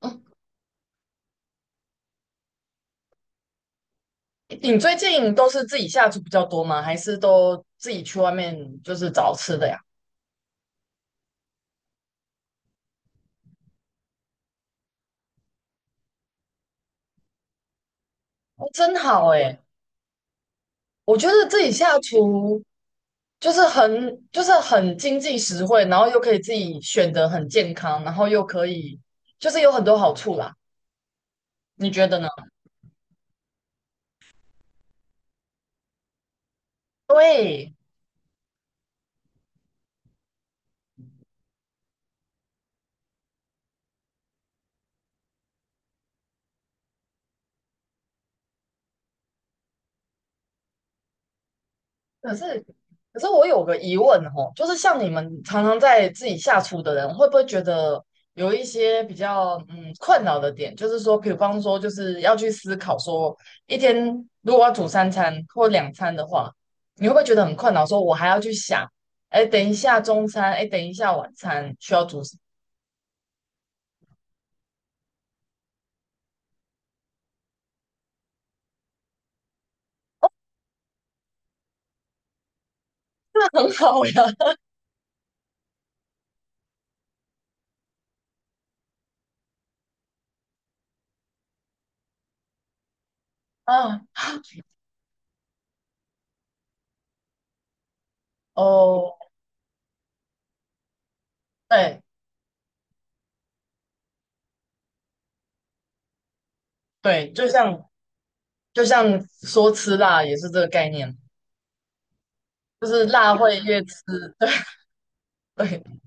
嗯，你最近都是自己下厨比较多吗？还是都自己去外面就是找吃的呀？哦，真好哎！我觉得自己下厨就是很经济实惠，然后又可以自己选择很健康，然后又可以就是有很多好处啦。你觉得呢？对。可是，可是我有个疑问哦，就是像你们常常在自己下厨的人，会不会觉得有一些比较困扰的点？就是说，比方说，就是要去思考说，一天如果要煮三餐或两餐的话，你会不会觉得很困扰？说我还要去想，哎，等一下中餐，哎，等一下晚餐需要煮什么？那很好呀。啊，哦，对对。就像说吃辣也是这个概念，就是辣会越吃，对对。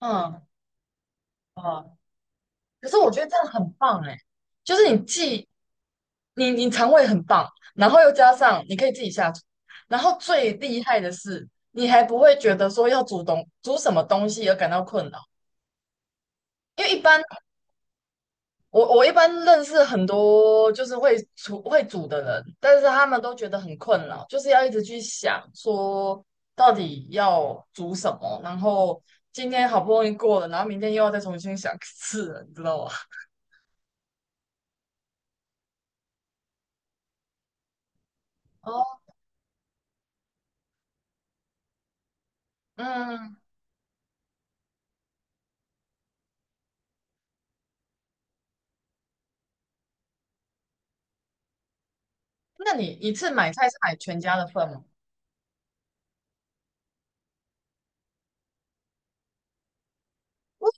嗯，啊，可是我觉得这样很棒哎，就是你既你你肠胃很棒，然后又加上你可以自己下厨，然后最厉害的是你还不会觉得说要煮东煮什么东西而感到困扰。因为一般我一般认识很多就是会厨会煮的人，但是他们都觉得很困扰，就是要一直去想说到底要煮什么，然后今天好不容易过了，然后明天又要再重新想一次了，你知道吗？哦。嗯，那你一次买菜是买全家的份吗？我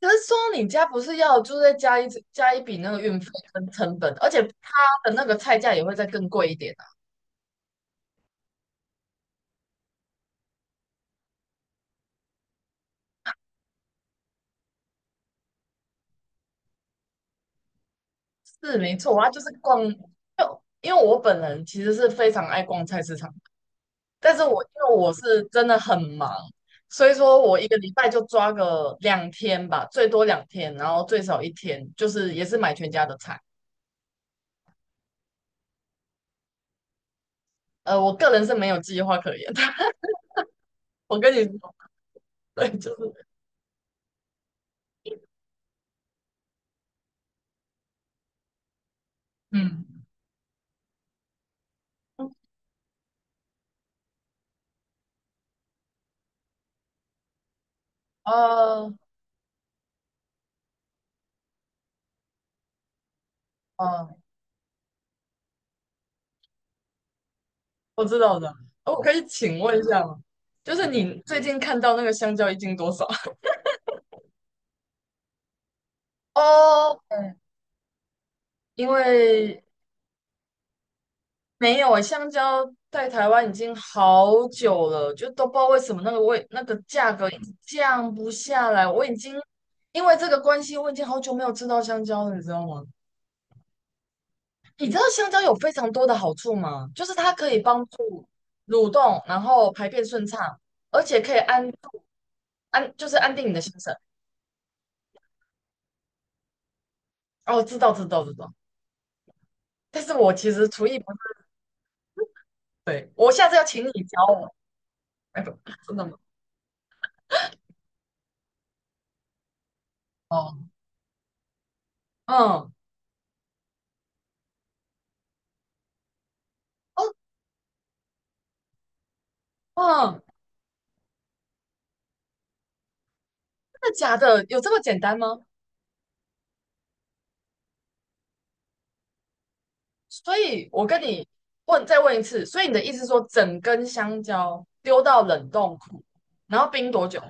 可是说你家不是要就是再加一笔那个运费跟成本，而且他的那个菜价也会再更贵一点啊。是没错，它就是逛，就因为我本人其实是非常爱逛菜市场，但是我因为我是真的很忙，所以说我一个礼拜就抓个两天吧，最多两天，然后最少一天，就是也是买全家的菜。我个人是没有计划可言的，我跟你说，对，就是嗯。啊啊，我知道的。哦，我可以请问一下吗？就是你最近看到那个香蕉一斤多少？哦，因为没有诶，香蕉在台湾已经好久了，就都不知道为什么那个味那个价格一直降不下来。我已经因为这个关系，我已经好久没有吃到香蕉了，你知道吗？你知道香蕉有非常多的好处吗？就是它可以帮助蠕动，然后排便顺畅，而且可以安安就是安定你的心神。哦，知道知道知道。但是我其实厨艺不是。对，我下次要请你教我。哎，不，真的吗？哦，嗯，哦，嗯，真的假的？有这么简单吗？所以，我跟你问，再问一次，所以你的意思是说，整根香蕉丢到冷冻库，然后冰多久？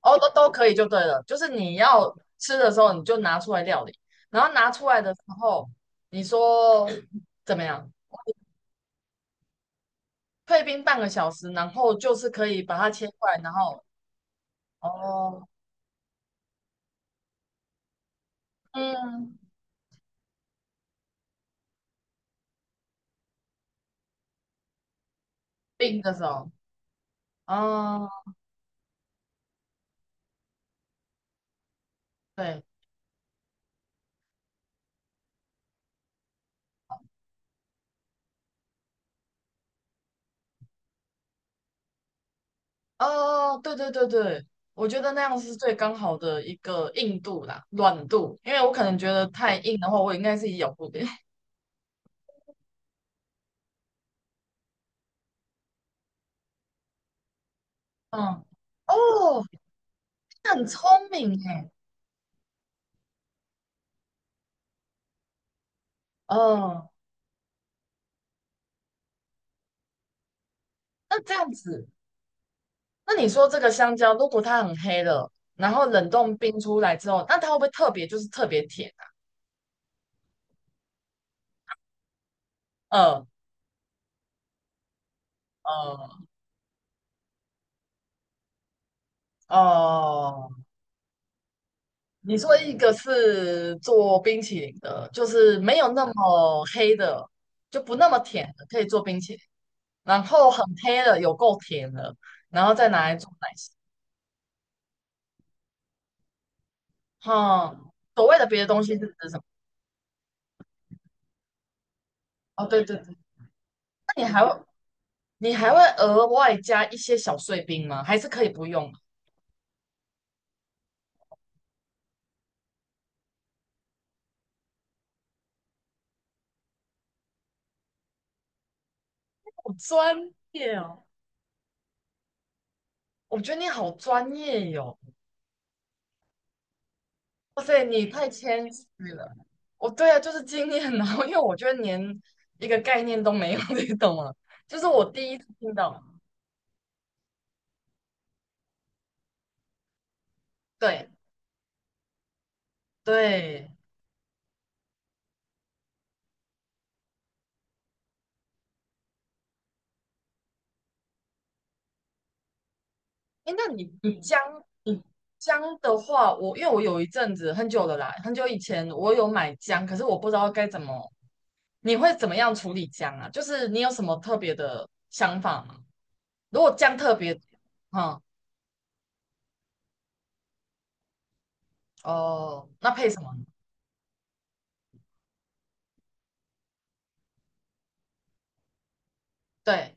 哦，都可以就对了，就是你要吃的时候你就拿出来料理，然后拿出来的时候，你说怎么样？退冰半个小时，然后就是可以把它切块，然后哦，嗯，冰的时候，哦，对，哦，对对对对，我觉得那样是最刚好的一个硬度啦，软度，因为我可能觉得太硬的话，我应该是咬不了。嗯。哦，那很聪明耶。哦，那这样子，那你说这个香蕉，如果它很黑了，然后冷冻冰出来之后，那它会不会特别就是特别甜啊？呃呃哦，你说一个是做冰淇淋的，就是没有那么黑的，就不那么甜的，可以做冰淇淋。然后很黑的，有够甜的，然后再拿来做奶昔。哈，所谓的别的东西是指什么？哦，对对对。那你还会额外加一些小碎冰吗？还是可以不用？好专业哦，我觉得你好专业哟，哇塞，你太谦虚了。哦，对啊，就是经验，然后因为我觉得连一个概念都没有，你懂吗？就是我第一次听到。对对，哎，那你姜的话，我因为我有一阵子很久了啦，很久以前我有买姜，可是我不知道该怎么，你会怎么样处理姜啊？就是你有什么特别的想法吗？如果姜特别，嗯，哦，那配什么？对，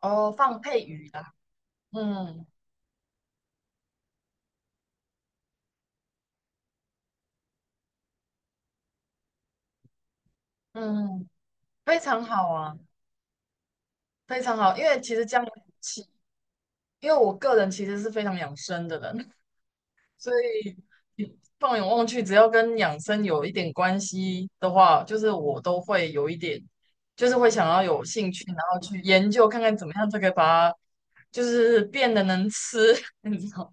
哦，放配鱼啦，嗯嗯。非常好啊，非常好，因为其实这样有福气，因为我个人其实是非常养生的人，所以你放眼望去，只要跟养生有一点关系的话，就是我都会有一点，就是会想要有兴趣，然后去研究看看怎么样才可以把它，就是变得能吃，你知道吗？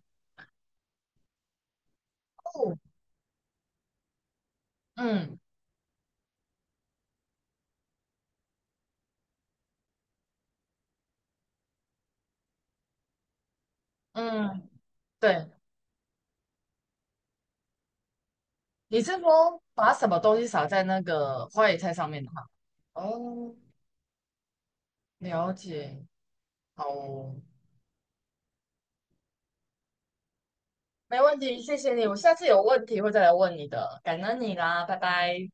哦，嗯嗯，对，你是说把什么东西撒在那个花野菜上面的吗？哦，了解。好哦，没问题，谢谢你，我下次有问题会再来问你的，感恩你啦，拜拜。